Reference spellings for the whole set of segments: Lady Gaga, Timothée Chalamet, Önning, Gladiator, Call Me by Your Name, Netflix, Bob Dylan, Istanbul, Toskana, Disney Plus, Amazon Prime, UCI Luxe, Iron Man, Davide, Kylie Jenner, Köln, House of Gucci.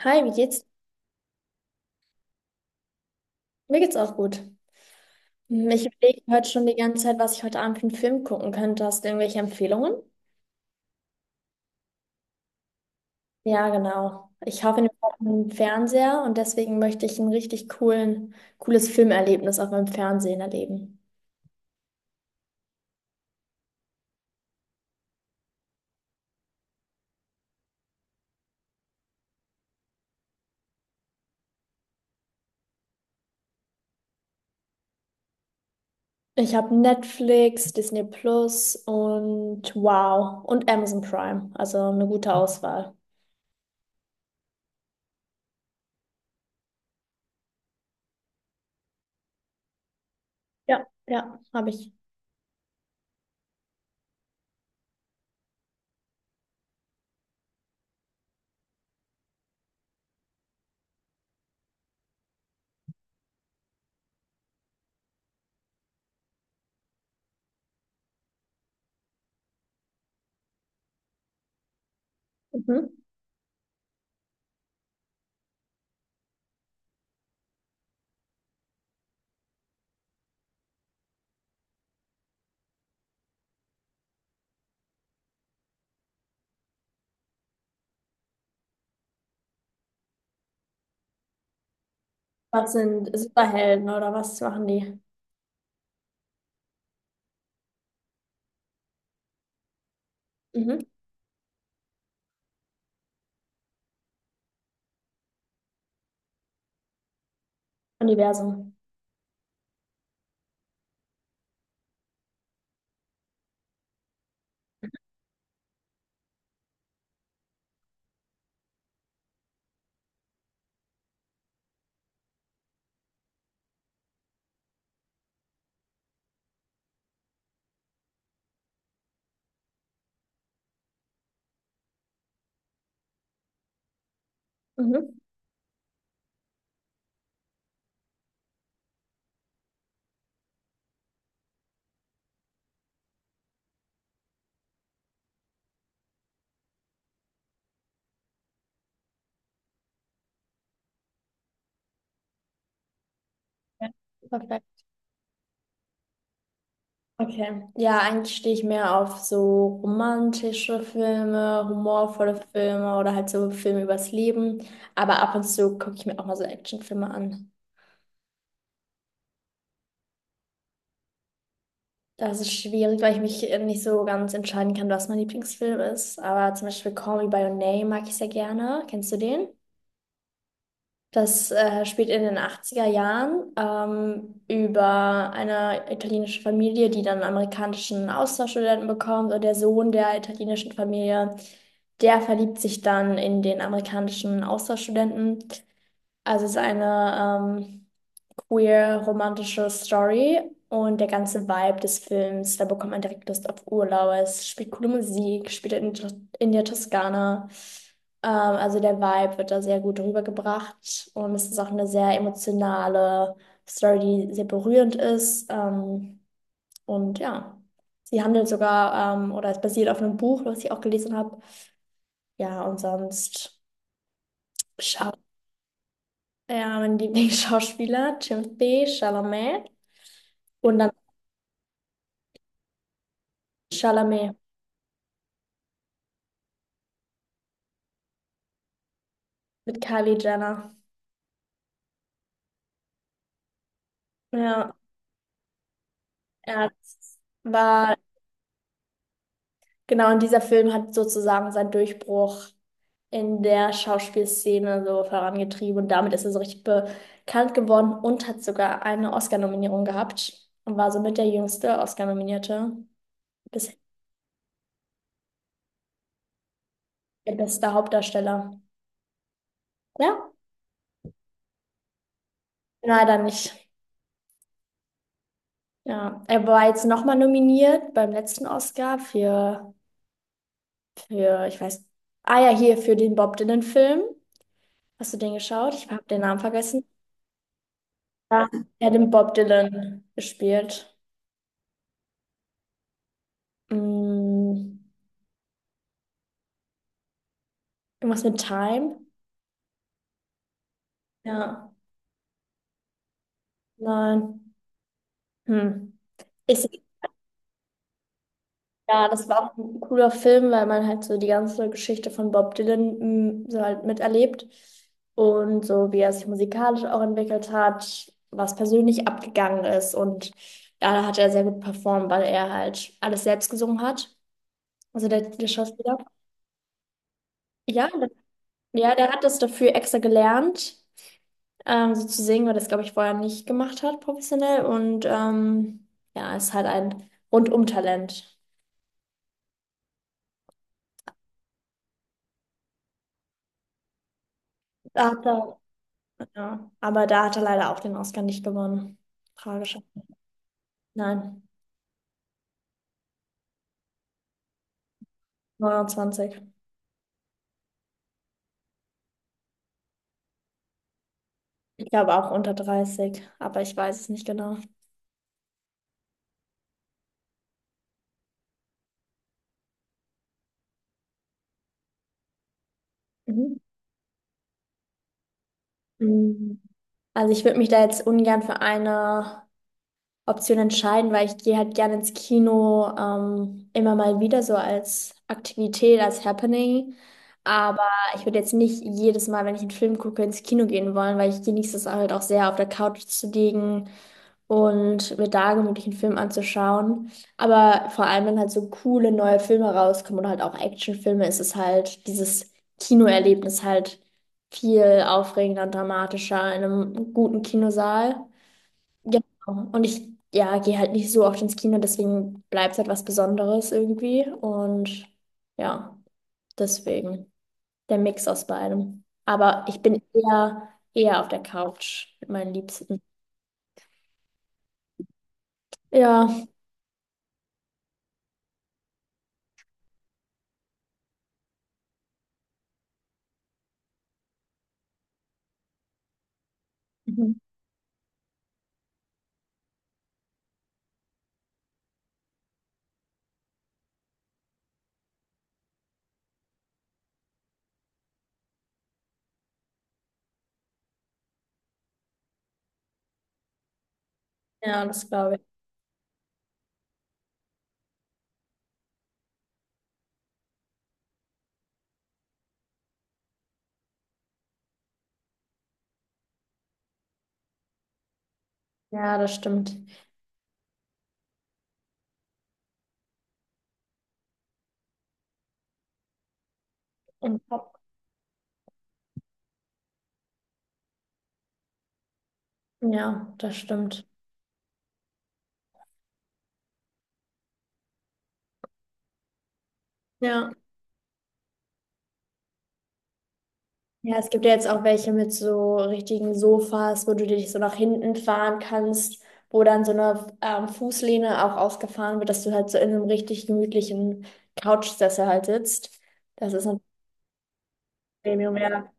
Hi, wie geht's? Mir geht's auch gut. Ich überlege heute schon die ganze Zeit, was ich heute Abend für einen Film gucken könnte. Hast du irgendwelche Empfehlungen? Ja, genau. Ich hoffe, ich habe einen Fernseher und deswegen möchte ich ein richtig coolen, cooles Filmerlebnis auf meinem Fernsehen erleben. Ich habe Netflix, Disney Plus und Wow und Amazon Prime. Also eine gute Auswahl. Ja, ja, habe ich. Mhm. Was sind Superhelden oder was machen die? Mhm. Universum. Mhm. Ja, perfekt. Okay. Ja, eigentlich stehe ich mehr auf so romantische Filme, humorvolle Filme oder halt so Filme übers Leben. Aber ab und zu gucke ich mir auch mal so Actionfilme an. Das ist schwierig, weil ich mich nicht so ganz entscheiden kann, was mein Lieblingsfilm ist. Aber zum Beispiel Call Me by Your Name mag ich sehr gerne. Kennst du den? Das spielt in den achtziger Jahren, über eine italienische Familie, die dann einen amerikanischen Austauschstudenten bekommt. Und der Sohn der italienischen Familie, der verliebt sich dann in den amerikanischen Austauschstudenten. Also es ist eine queer romantische Story und der ganze Vibe des Films, da bekommt man direkt Lust auf Urlaub. Es spielt coole Musik, spielt in der Toskana. Also der Vibe wird da sehr gut rübergebracht und es ist auch eine sehr emotionale Story, die sehr berührend ist. Und ja, sie handelt sogar, oder es basiert auf einem Buch, was ich auch gelesen habe. Ja, und sonst. Ja, mein Lieblingsschauspieler, Timothée Chalamet. Und dann Chalamet mit Kylie Jenner. Ja, er war, genau, und dieser Film hat sozusagen seinen Durchbruch in der Schauspielszene so vorangetrieben. Und damit ist er so richtig bekannt geworden und hat sogar eine Oscar-Nominierung gehabt. Und war somit der jüngste Oscar-Nominierte. Bisher der beste Hauptdarsteller. Ja, leider nicht. Ja, er war jetzt nochmal nominiert beim letzten Oscar für ich weiß. Ah ja, hier für den Bob Dylan-Film. Hast du den geschaut? Ich habe den Namen vergessen. Ja. Er hat den Bob Dylan gespielt. Hm, irgendwas mit Time? Ja. Nein. Hm. Ist, ja, das war auch ein cooler Film, weil man halt so die ganze Geschichte von Bob Dylan, hm, so halt miterlebt. Und so, wie er sich musikalisch auch entwickelt hat, was persönlich abgegangen ist. Und ja, da hat er sehr gut performt, weil er halt alles selbst gesungen hat. Also der Schauspieler. Ja, ja, der hat das dafür extra gelernt, so zu singen, weil das, glaube ich, vorher nicht gemacht hat, professionell. Und ja, ist halt ein Rundum-Talent. Da hat er, ja, aber da hat er leider auch den Oscar nicht gewonnen. Tragisch. Nein, neunundzwanzig. Ich glaube auch unter dreißig, aber ich weiß es nicht genau. Mhm. Mhm. Also ich würde mich da jetzt ungern für eine Option entscheiden, weil ich gehe halt gerne ins Kino, immer mal wieder so als Aktivität, als Happening. Aber ich würde jetzt nicht jedes Mal, wenn ich einen Film gucke, ins Kino gehen wollen, weil ich genieße es halt auch sehr, auf der Couch zu liegen und mir da gemütlich einen Film anzuschauen. Aber vor allem, wenn halt so coole neue Filme rauskommen oder halt auch Actionfilme, ist es halt dieses Kinoerlebnis halt viel aufregender und dramatischer in einem guten Kinosaal. Genau. Und ich, ja, gehe halt nicht so oft ins Kino, deswegen bleibt es halt was Besonderes irgendwie. Und ja, deswegen der Mix aus beidem. Aber ich bin eher auf der Couch mit meinen Liebsten. Ja, mhm, ja, das glaube ich. Ja, das stimmt. Und, Pop. Ja, das stimmt. Ja. Ja, es gibt ja jetzt auch welche mit so richtigen Sofas, wo du dich so nach hinten fahren kannst, wo dann so eine, Fußlehne auch ausgefahren wird, dass du halt so in einem richtig gemütlichen Couchsessel halt sitzt. Das ist ein Premium, ja.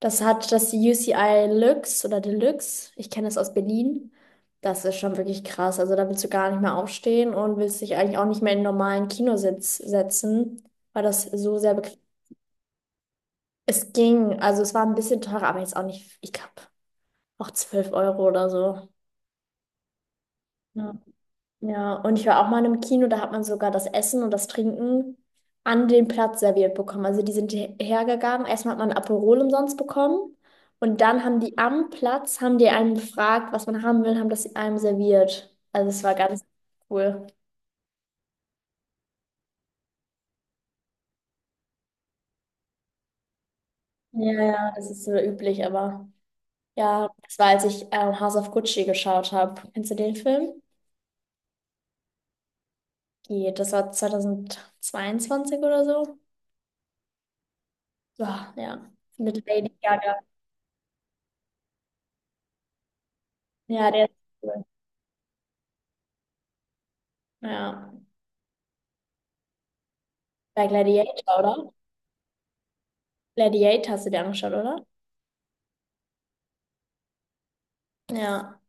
Das hat das UCI Luxe oder Deluxe. Ich kenne das aus Berlin. Das ist schon wirklich krass. Also da willst du gar nicht mehr aufstehen und willst dich eigentlich auch nicht mehr in einen normalen Kinositz setzen, weil das so sehr bequem. Es ging, also es war ein bisschen teurer, aber jetzt auch nicht, ich glaube, auch 12 Euro oder so. Ja. Ja, und ich war auch mal im Kino, da hat man sogar das Essen und das Trinken an den Platz serviert bekommen. Also die sind hergegangen, erstmal hat man ein Aperol umsonst bekommen und dann haben die einem gefragt, was man haben will, haben das einem serviert. Also es war ganz cool. Ja, ja, das ist so üblich, aber ja, das war, als ich, House of Gucci geschaut habe. Kennst du den Film? Geht, das war 2022 oder so. Ja, ja, mit Lady Gaga. Ja, der ist cool. Ja. Bei Gladiator, oder? Gladiator hast du dir angeschaut, oder? Ja.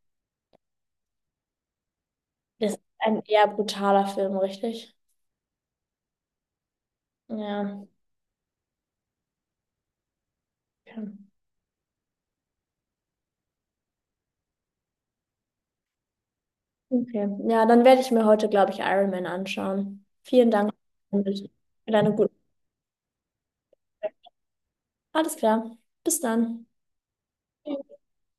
Das ist ein eher brutaler Film, richtig? Ja. Okay. Okay. Ja, dann werde ich mir heute, glaube ich, Iron Man anschauen. Vielen Dank für deine guten. Alles klar. Bis dann.